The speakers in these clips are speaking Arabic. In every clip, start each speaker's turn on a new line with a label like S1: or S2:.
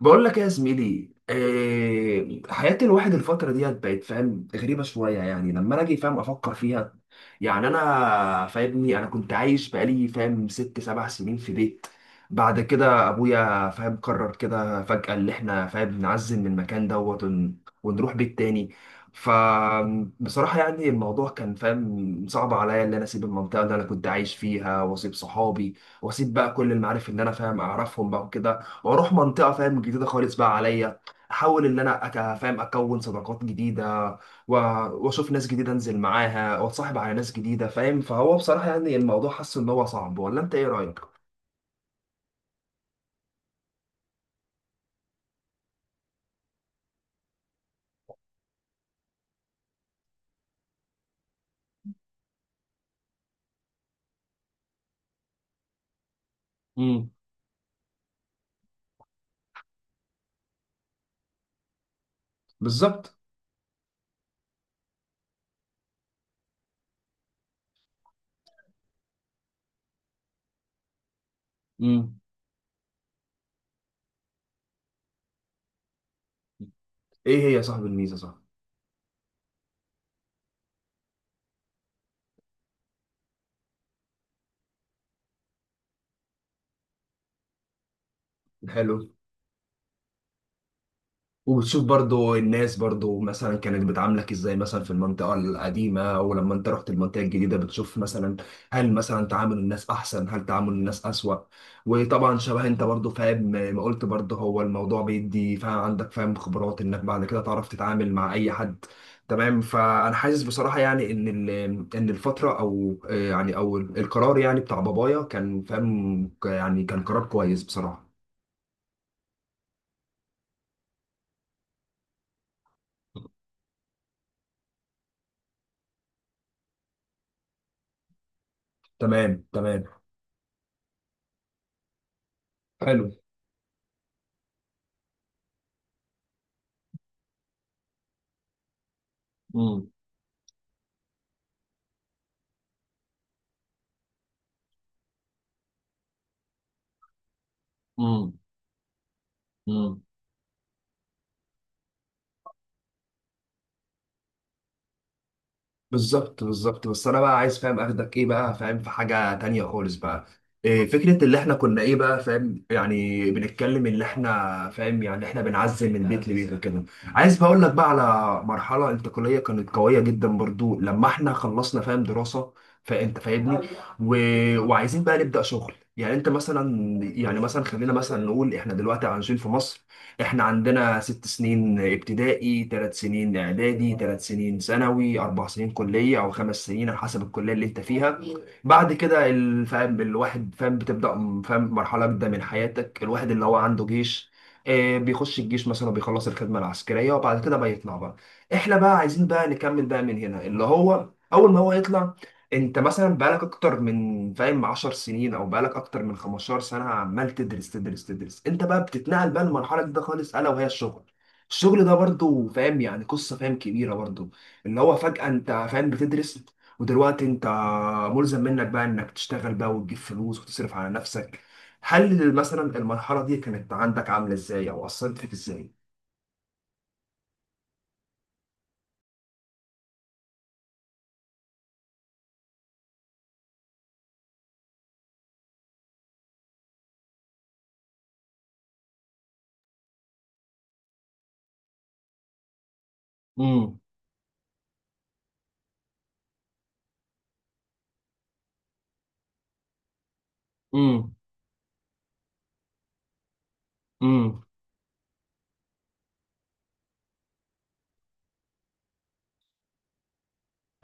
S1: بقول لك يا زميلي، إيه حياة الواحد الفترة ديت؟ بقت فاهم غريبة شوية، يعني لما أنا أجي فاهم أفكر فيها. يعني أنا فاهمني، أنا كنت عايش بقالي فاهم ست سبع سنين في بيت. بعد كده أبويا فاهم قرر كده فجأة اللي إحنا فاهم نعزل من المكان دوت ونروح بيت تاني. فبصراحة يعني الموضوع كان فاهم صعب عليا، إن أنا أسيب المنطقة اللي أنا كنت عايش فيها وأسيب صحابي، وأسيب بقى كل المعارف اللي أنا فاهم أعرفهم بقى وكده، واروح منطقه فاهم جديده خالص بقى عليا، احاول ان انا فاهم اكون صداقات جديده، و- واشوف ناس جديده انزل معاها واتصاحب على ناس جديده، فاهم؟ فهو بصراحه يعني الموضوع حاسس ان هو صعب، ولا انت ايه رايك؟ امم. بالظبط. امم. ايه هي يا صاحب الميزه، صح. الحلو. وبتشوف برضو الناس برضو مثلا كانت بتعاملك ازاي مثلا في المنطقة القديمة، ولما انت رحت المنطقة الجديدة بتشوف مثلا، هل مثلا تعامل الناس احسن، هل تعامل الناس اسوأ؟ وطبعا شبه انت برضو فاهم ما قلت برضو، هو الموضوع بيدي فاهم عندك فاهم خبرات انك بعد كده تعرف تتعامل مع اي حد. تمام. فانا حاسس بصراحة يعني ان ان الفترة او يعني او القرار يعني بتاع بابايا كان فاهم يعني كان قرار كويس بصراحة. تمام، تمام. حلو. امم. مم. بالظبط، بالظبط. بس انا بقى عايز فاهم اخدك ايه بقى فاهم في حاجه تانية خالص بقى. إيه فكره اللي احنا كنا ايه بقى فاهم، يعني بنتكلم اللي احنا فاهم يعني احنا بنعزل من بيت لبيت وكده. عايز بقول لك بقى على مرحله انتقاليه كانت قويه جدا برضو لما احنا خلصنا فاهم دراسه. فانت فاهمني و... وعايزين بقى نبدا شغل يعني انت مثلا، يعني مثلا خلينا مثلا نقول احنا دلوقتي عايشين في مصر. احنا عندنا 6 سنين ابتدائي، 3 سنين اعدادي، 3 سنين ثانوي، 4 سنين كلية او 5 سنين على حسب الكلية اللي انت فيها. بعد كده فاهم الواحد فاهم بتبدأ فاهم مرحلة جديدة من حياتك، الواحد اللي هو عنده جيش، بيخش الجيش مثلا، بيخلص الخدمة العسكرية وبعد كده بيطلع بقى. احنا بقى عايزين بقى نكمل بقى من هنا، اللي هو اول ما هو يطلع. انت مثلا بقالك اكتر من فاهم 10 سنين، او بقالك اكتر من 15 سنه عمال تدرس، تدرس، تدرس. انت بقى بتتنقل بقى للمرحله دي خالص، الا وهي الشغل. الشغل ده برضو فاهم يعني قصه فاهم كبيره برضو، اللي هو فجاه انت فاهم بتدرس، ودلوقتي انت ملزم منك بقى انك تشتغل بقى وتجيب فلوس وتصرف على نفسك. هل مثلا المرحله دي كانت عندك عامله ازاي، او اثرت فيك ازاي؟ امم. امم.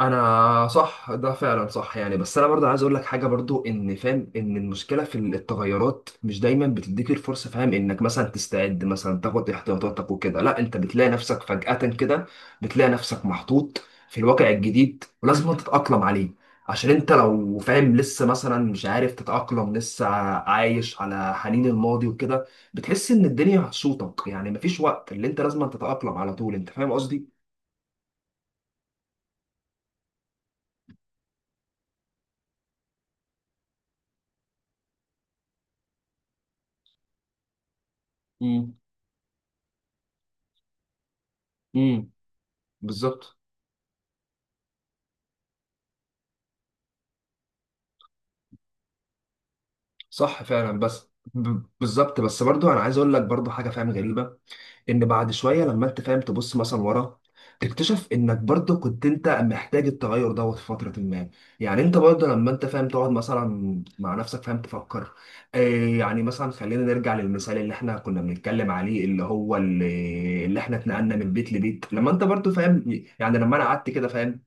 S1: انا صح، ده فعلا صح يعني. بس انا برضه عايز اقول لك حاجه برضه، ان فاهم ان المشكله في التغيرات مش دايما بتديك الفرصه فاهم انك مثلا تستعد مثلا تاخد احتياطاتك وكده. لا انت بتلاقي نفسك فجاه كده، بتلاقي نفسك محطوط في الواقع الجديد، ولازم أنت تتاقلم عليه. عشان انت لو فاهم لسه مثلا مش عارف تتاقلم لسه، عايش على حنين الماضي وكده، بتحس ان الدنيا هتشوطك، يعني مفيش وقت، اللي انت لازم تتاقلم على طول. انت فاهم قصدي؟ امم. امم. بالظبط. صح فعلا، بس بالظبط، بس برضو انا عايز اقول لك برضو حاجه فاهم غريبه، ان بعد شويه لما انت فاهم تبص مثلا ورا، تكتشف انك برضو كنت انت محتاج التغير دوت في فتره ما. يعني انت برضو لما انت فاهم تقعد مثلا مع نفسك فاهم تفكر، آه يعني مثلا خلينا نرجع للمثال اللي احنا كنا بنتكلم عليه، اللي هو اللي احنا اتنقلنا من بيت لبيت، لما انت برضو فاهم، يعني لما انا قعدت كده فاهم،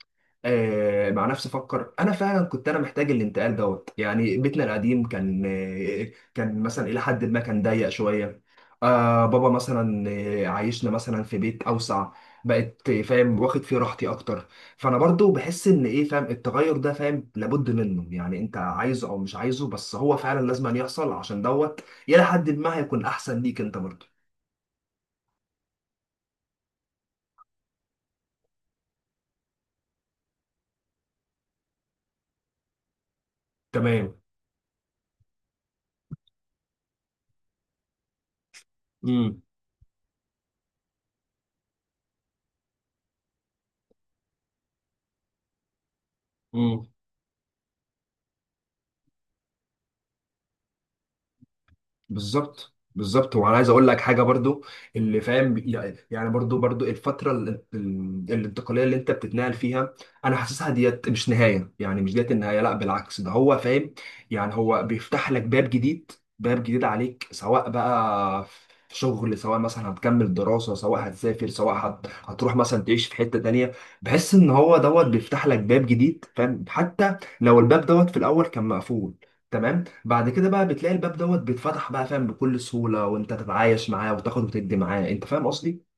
S1: مع نفسي افكر، انا فعلا كنت انا محتاج الانتقال دوت. يعني بيتنا القديم كان كان مثلا الى حد ما كان ضيق شويه. بابا مثلا عايشنا مثلا في بيت اوسع. بقت فاهم واخد فيه راحتي اكتر. فانا برضو بحس ان ايه فاهم، التغير ده فاهم لابد منه، يعني انت عايزه او مش عايزه، بس هو فعلا لازم أن يحصل، عشان دوت الى حد ما هيكون احسن ليك انت برضو. تمام. امم. بالظبط، بالظبط. وانا عايز اقول لك حاجه برضو، اللي فاهم يعني برضو برضو الفتره الانتقاليه اللي انت بتتنقل فيها، انا حاسسها ديت مش نهايه، يعني مش ديت النهايه، لا بالعكس ده هو فاهم. يعني هو بيفتح لك باب جديد، باب جديد عليك، سواء بقى في شغل، سواء مثلا هتكمل دراسه، سواء هتسافر، سواء هتروح مثلا تعيش في حته تانيه. بحس ان هو دوت بيفتح لك باب جديد فاهم، حتى لو الباب دوت في الاول كان مقفول. تمام. بعد كده بقى بتلاقي الباب دوت بيتفتح بقى فاهم بكل سهولة، وانت تتعايش معاه وتاخد وتدي معاه. انت فاهم قصدي؟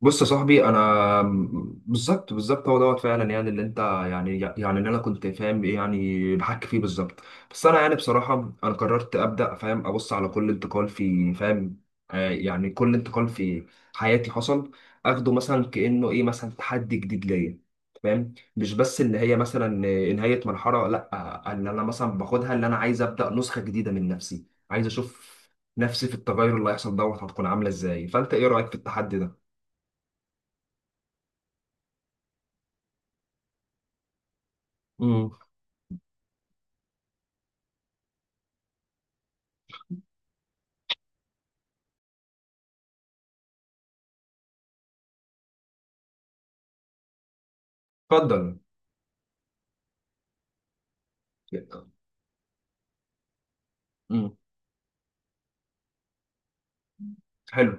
S1: بص يا صاحبي، انا بالظبط، بالظبط. هو دوت فعلا، يعني اللي انت، يعني اللي انا كنت فاهم ايه يعني بحكي فيه، بالظبط. بس انا يعني بصراحه انا قررت ابدا فاهم ابص على كل انتقال في فاهم، يعني كل انتقال في حياتي حصل، اخده مثلا كانه ايه مثلا تحدي جديد ليا. فاهم، مش بس ان هي مثلا نهايه مرحله، لا. ان انا مثلا باخدها اللي انا عايز ابدا نسخه جديده من نفسي. عايز اشوف نفسي في التغير اللي هيحصل دوت هتكون عامله ازاي. فانت ايه رايك في التحدي ده؟ اتفضل. مم. حلو.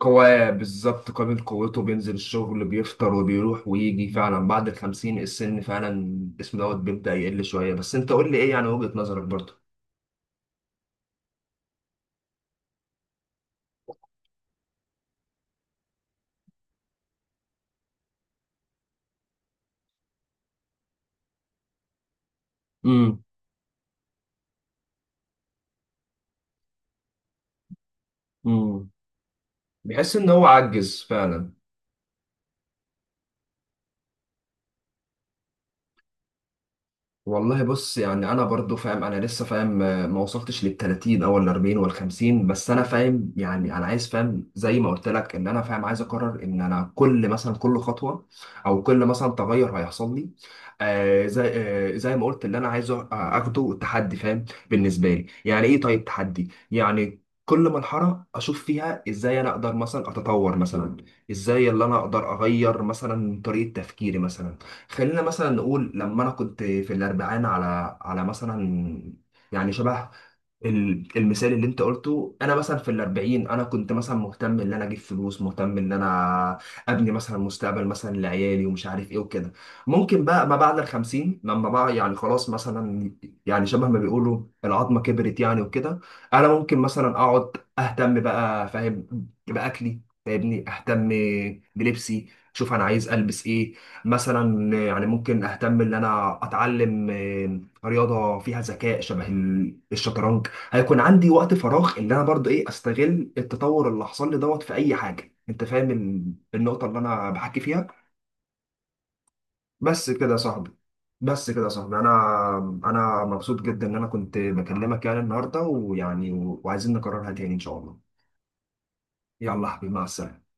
S1: قواه بالظبط، قابل قوته، بينزل الشغل بيفطر وبيروح ويجي. فعلا بعد الخمسين السن فعلا اسمه دوت بيبدأ يقل شوية. بس انت قول لي ايه يعني وجهة نظرك برضه؟ مم. مم. بيحس ان هو عجز فعلا. والله بص، يعني انا برضو فاهم انا لسه فاهم ما وصلتش لل 30 او ال 40 وال 50، بس انا فاهم يعني انا عايز فاهم زي ما قلت لك، ان انا فاهم عايز اقرر ان انا كل مثلا كل خطوه، او كل مثلا تغير هيحصل لي، زي زي ما قلت اللي انا عايزه، اخده تحدي فاهم بالنسبه لي. يعني ايه طيب تحدي؟ يعني كل مرحلة أشوف فيها إزاي أنا أقدر مثلا أتطور مثلا، إزاي اللي أنا أقدر أغير مثلا طريقة تفكيري مثلا. خلينا مثلا نقول، لما انا كنت في الاربعين على مثلا، يعني شبه المثال اللي انت قلته. انا مثلا في الاربعين انا كنت مثلا مهتم ان انا اجيب فلوس، مهتم ان انا ابني مثلا مستقبل مثلا لعيالي، ومش عارف ايه وكده. ممكن بقى ما بعد الخمسين، لما بقى يعني خلاص مثلا، يعني شبه ما بيقولوا العظمه كبرت يعني وكده، انا ممكن مثلا اقعد اهتم بقى فاهم باكلي، فاهمني، اهتم بلبسي، شوف انا عايز البس ايه. مثلا يعني ممكن اهتم ان انا اتعلم رياضه فيها ذكاء شبه الشطرنج. هيكون عندي وقت فراغ، ان انا برضه ايه استغل التطور اللي حصل لي دوت في اي حاجه. انت فاهم النقطه اللي انا بحكي فيها؟ بس كده يا صاحبي. بس كده يا صاحبي، انا انا مبسوط جدا ان انا كنت بكلمك يعني النهارده، ويعني وعايزين نكررها تاني ان شاء الله. يلا يا حبيبي، مع السلامه.